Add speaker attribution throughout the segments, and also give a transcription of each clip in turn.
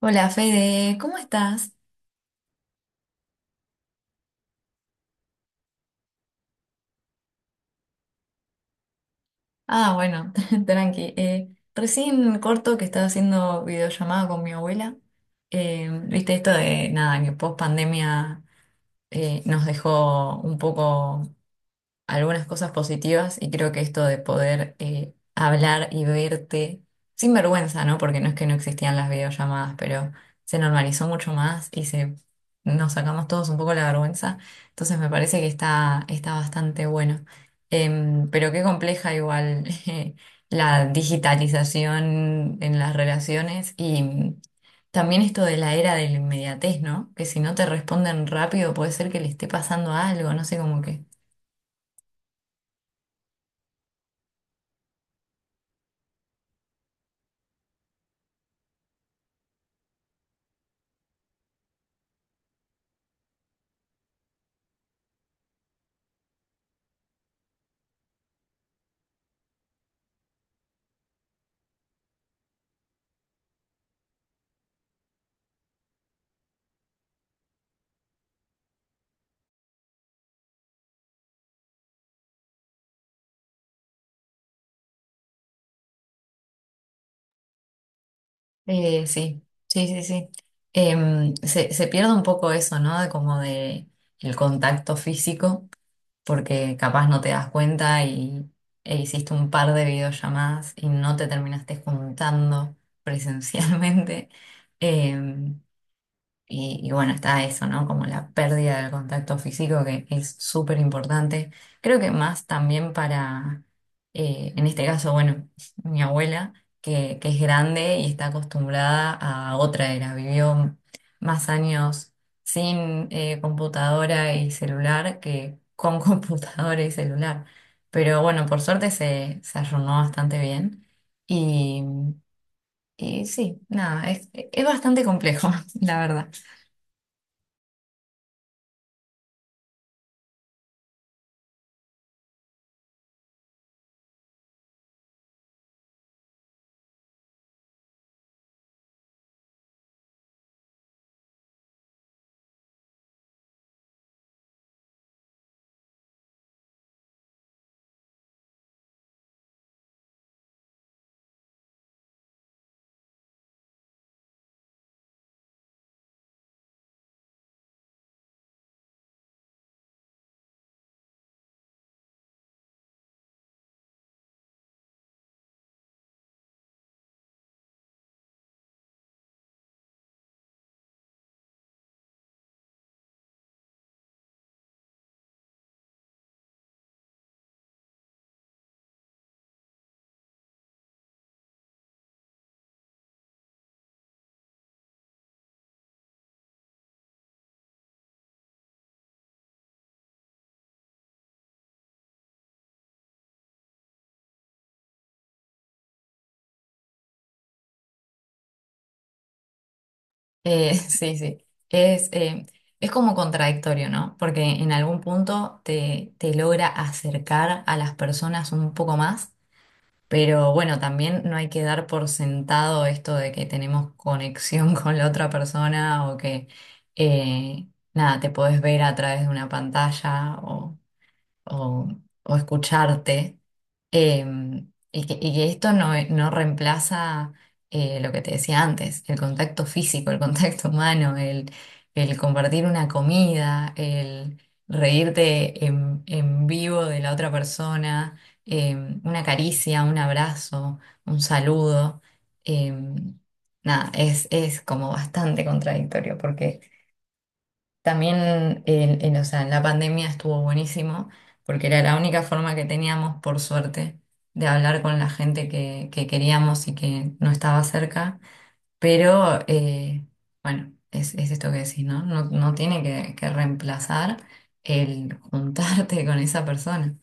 Speaker 1: Hola Fede, ¿cómo estás? Ah, bueno, tranqui. Recién corto que estaba haciendo videollamada con mi abuela. Viste esto de nada, que post pandemia nos dejó un poco algunas cosas positivas y creo que esto de poder hablar y verte sin vergüenza, ¿no? Porque no es que no existían las videollamadas, pero se normalizó mucho más y nos sacamos todos un poco la vergüenza. Entonces me parece que está bastante bueno. Pero qué compleja igual la digitalización en las relaciones y también esto de la era de la inmediatez, ¿no? Que si no te responden rápido puede ser que le esté pasando algo, no sé, como que... Sí, sí, sí, sí. Se pierde un poco eso, ¿no? De como de el contacto físico, porque capaz no te das cuenta y e hiciste un par de videollamadas y no te terminaste juntando presencialmente. Em, y, bueno, está eso, ¿no? Como la pérdida del contacto físico que es súper importante. Creo que más también en este caso, bueno, mi abuela, que es grande y está acostumbrada a otra era. Vivió más años sin computadora y celular que con computadora y celular. Pero bueno, por suerte se arruinó bastante bien. Y, y sí, nada, es bastante complejo, la verdad. Sí, sí. Es, eh, es como contradictorio, ¿no? Porque en algún punto te logra acercar a las personas un poco más, pero bueno, también no hay que dar por sentado esto de que tenemos conexión con la otra persona eh, nada, te podés ver a través de una pantalla o o escucharte. Y que esto no reemplaza lo que te decía antes, el contacto físico, el contacto humano, el compartir una comida, el reírte en vivo de la otra persona, una caricia, un abrazo, un saludo. em, Nada, es como bastante contradictorio porque también o sea, en la pandemia estuvo buenísimo porque era la única forma que teníamos, por suerte, de hablar con la gente que queríamos y que no estaba cerca. Pero bueno, es esto que decís, ¿no? No, no tiene que reemplazar el juntarte con esa persona.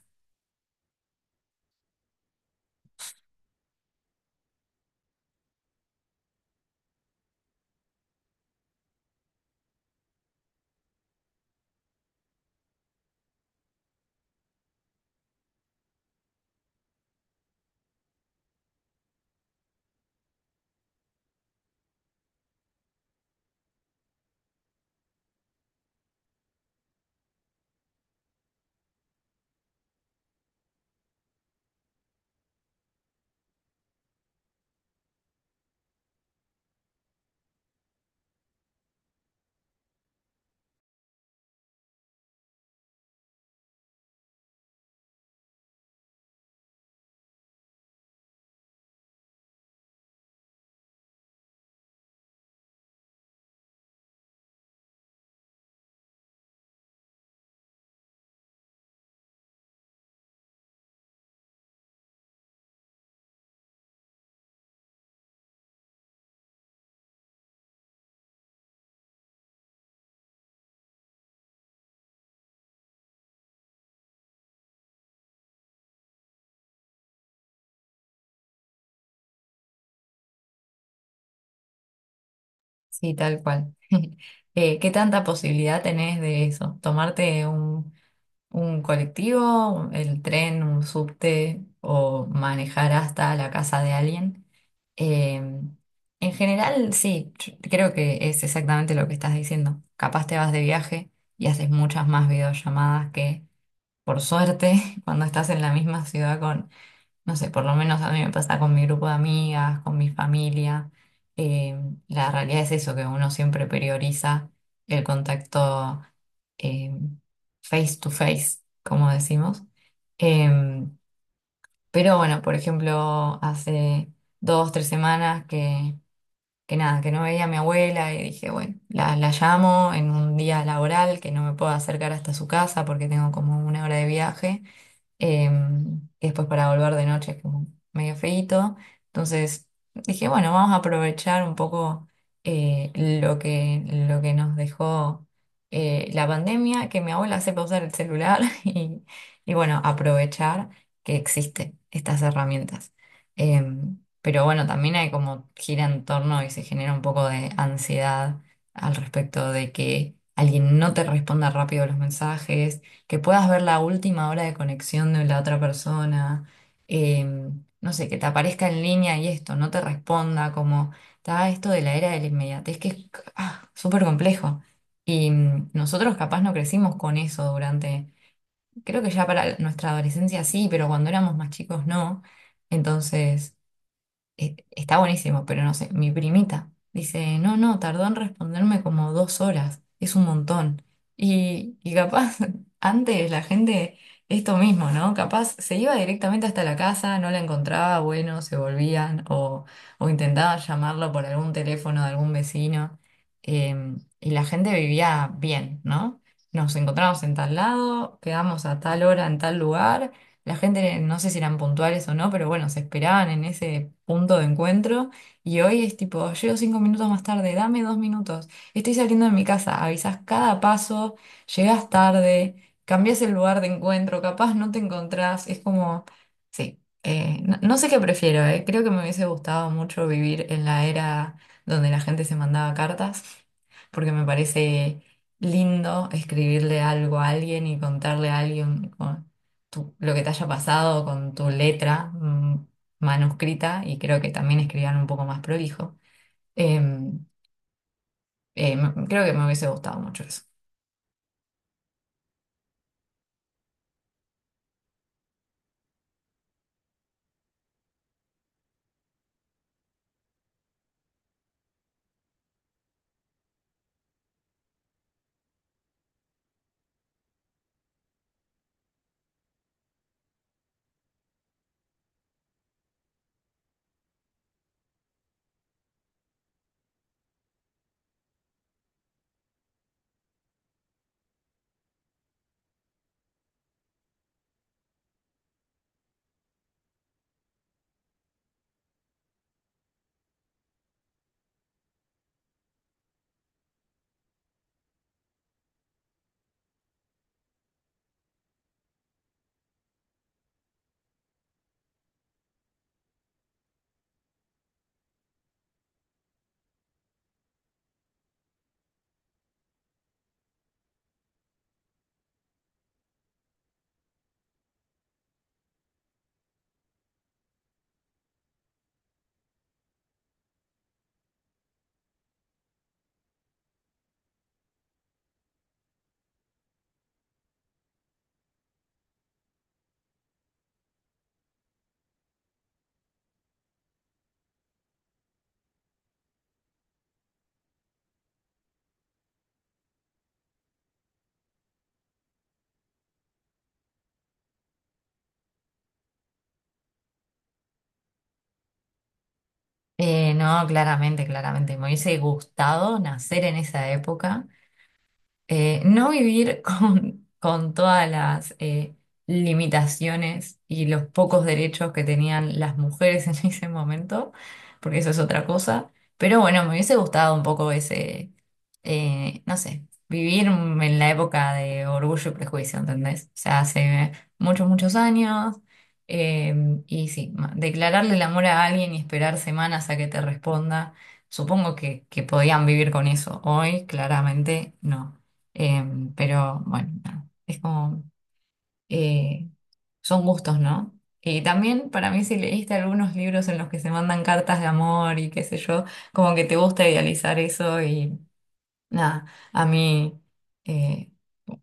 Speaker 1: Sí, tal cual. ¿Qué tanta posibilidad tenés de eso? Tomarte un colectivo, el tren, un subte o manejar hasta la casa de alguien. Eh, en general, sí, yo creo que es exactamente lo que estás diciendo. Capaz te vas de viaje y haces muchas más videollamadas que, por suerte, cuando estás en la misma ciudad con, no sé, por lo menos a mí me pasa con mi grupo de amigas, con mi familia. Eh, la realidad es eso, que uno siempre prioriza el contacto eh, face to face, como decimos. Em, pero bueno, por ejemplo, hace dos, tres semanas que nada, que no veía a mi abuela y dije, bueno, la llamo en un día laboral que no me puedo acercar hasta su casa porque tengo como una hora de viaje y después para volver de noche es como medio feíto. Entonces dije, bueno, vamos a aprovechar un poco eh, lo que, lo que nos dejó la pandemia, que mi abuela sepa usar el celular y bueno, aprovechar que existen estas herramientas. Pero bueno, también hay como gira en torno y se genera un poco de ansiedad al respecto de que alguien no te responda rápido los mensajes, que puedas ver la última hora de conexión de la otra persona, eh, no sé, que te aparezca en línea y esto, no te responda, como está esto de la era de la inmediatez, que es ah, súper complejo. Y nosotros capaz no crecimos con eso durante, creo que ya para nuestra adolescencia sí, pero cuando éramos más chicos no. Entonces está buenísimo, pero no sé, mi primita dice, no, no, tardó en responderme como dos horas, es un montón. Y capaz antes la gente, esto mismo, ¿no? Capaz se iba directamente hasta la casa, no la encontraba, bueno, se volvían o intentaba llamarlo por algún teléfono de algún vecino. eh, y la gente vivía bien, ¿no? Nos encontramos en tal lado, quedamos a tal hora en tal lugar, la gente, no sé si eran puntuales o no, pero bueno, se esperaban en ese punto de encuentro. Y hoy es tipo, llego cinco minutos más tarde, dame dos minutos, estoy saliendo de mi casa, avisas cada paso, llegas tarde, cambias el lugar de encuentro, capaz no te encontrás, es como, sí, no, no sé qué prefiero, creo que me hubiese gustado mucho vivir en la era donde la gente se mandaba cartas, porque me parece lindo escribirle algo a alguien y contarle a alguien lo que te haya pasado con tu letra manuscrita, y creo que también escribían un poco más prolijo. Em, Creo que me hubiese gustado mucho eso. No, claramente, claramente. Me hubiese gustado nacer en esa época, no vivir con todas las limitaciones y los pocos derechos que tenían las mujeres en ese momento, porque eso es otra cosa. Pero bueno, me hubiese gustado un poco ese, no sé, vivir en la época de Orgullo y Prejuicio, ¿entendés? O sea, hace muchos, muchos años. Y sí, declararle el amor a alguien y esperar semanas a que te responda, supongo que podían vivir con eso. Hoy, claramente, no. Pero bueno, nada, es como, eh, son gustos, ¿no? Y también para mí, si leíste algunos libros en los que se mandan cartas de amor y qué sé yo, como que te gusta idealizar eso y nada, a mí eh,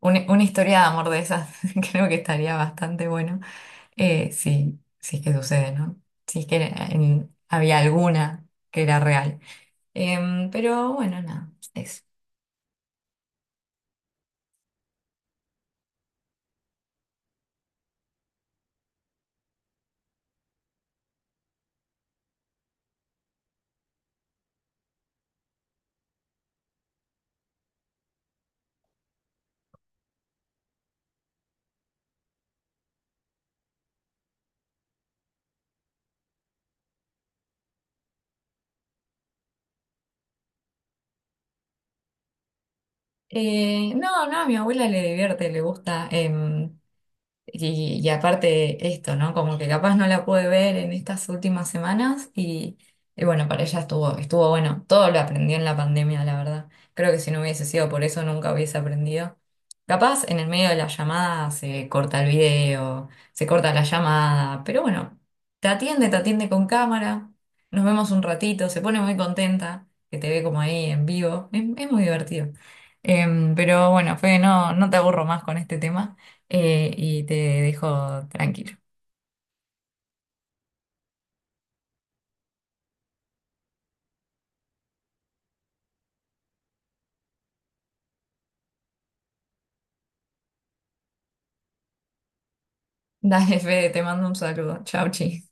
Speaker 1: una historia de amor de esas creo que estaría bastante bueno, si es que sucede, ¿no? Si es que había alguna que era real. Pero bueno, nada, eso. No, no, a mi abuela le divierte, le gusta. Y, y aparte esto, ¿no? Como que capaz no la pude ver en estas últimas semanas y bueno, para ella estuvo, estuvo bueno. Todo lo aprendí en la pandemia, la verdad. Creo que si no hubiese sido por eso nunca hubiese aprendido. Capaz en el medio de la llamada se corta el video, se corta la llamada, pero bueno, te atiende con cámara, nos vemos un ratito, se pone muy contenta que te ve como ahí en vivo. Es muy divertido. Pero bueno, Fede, no, no te aburro más con este tema, y te dejo tranquilo. Dale, Fede, te mando un saludo. Chau, chi.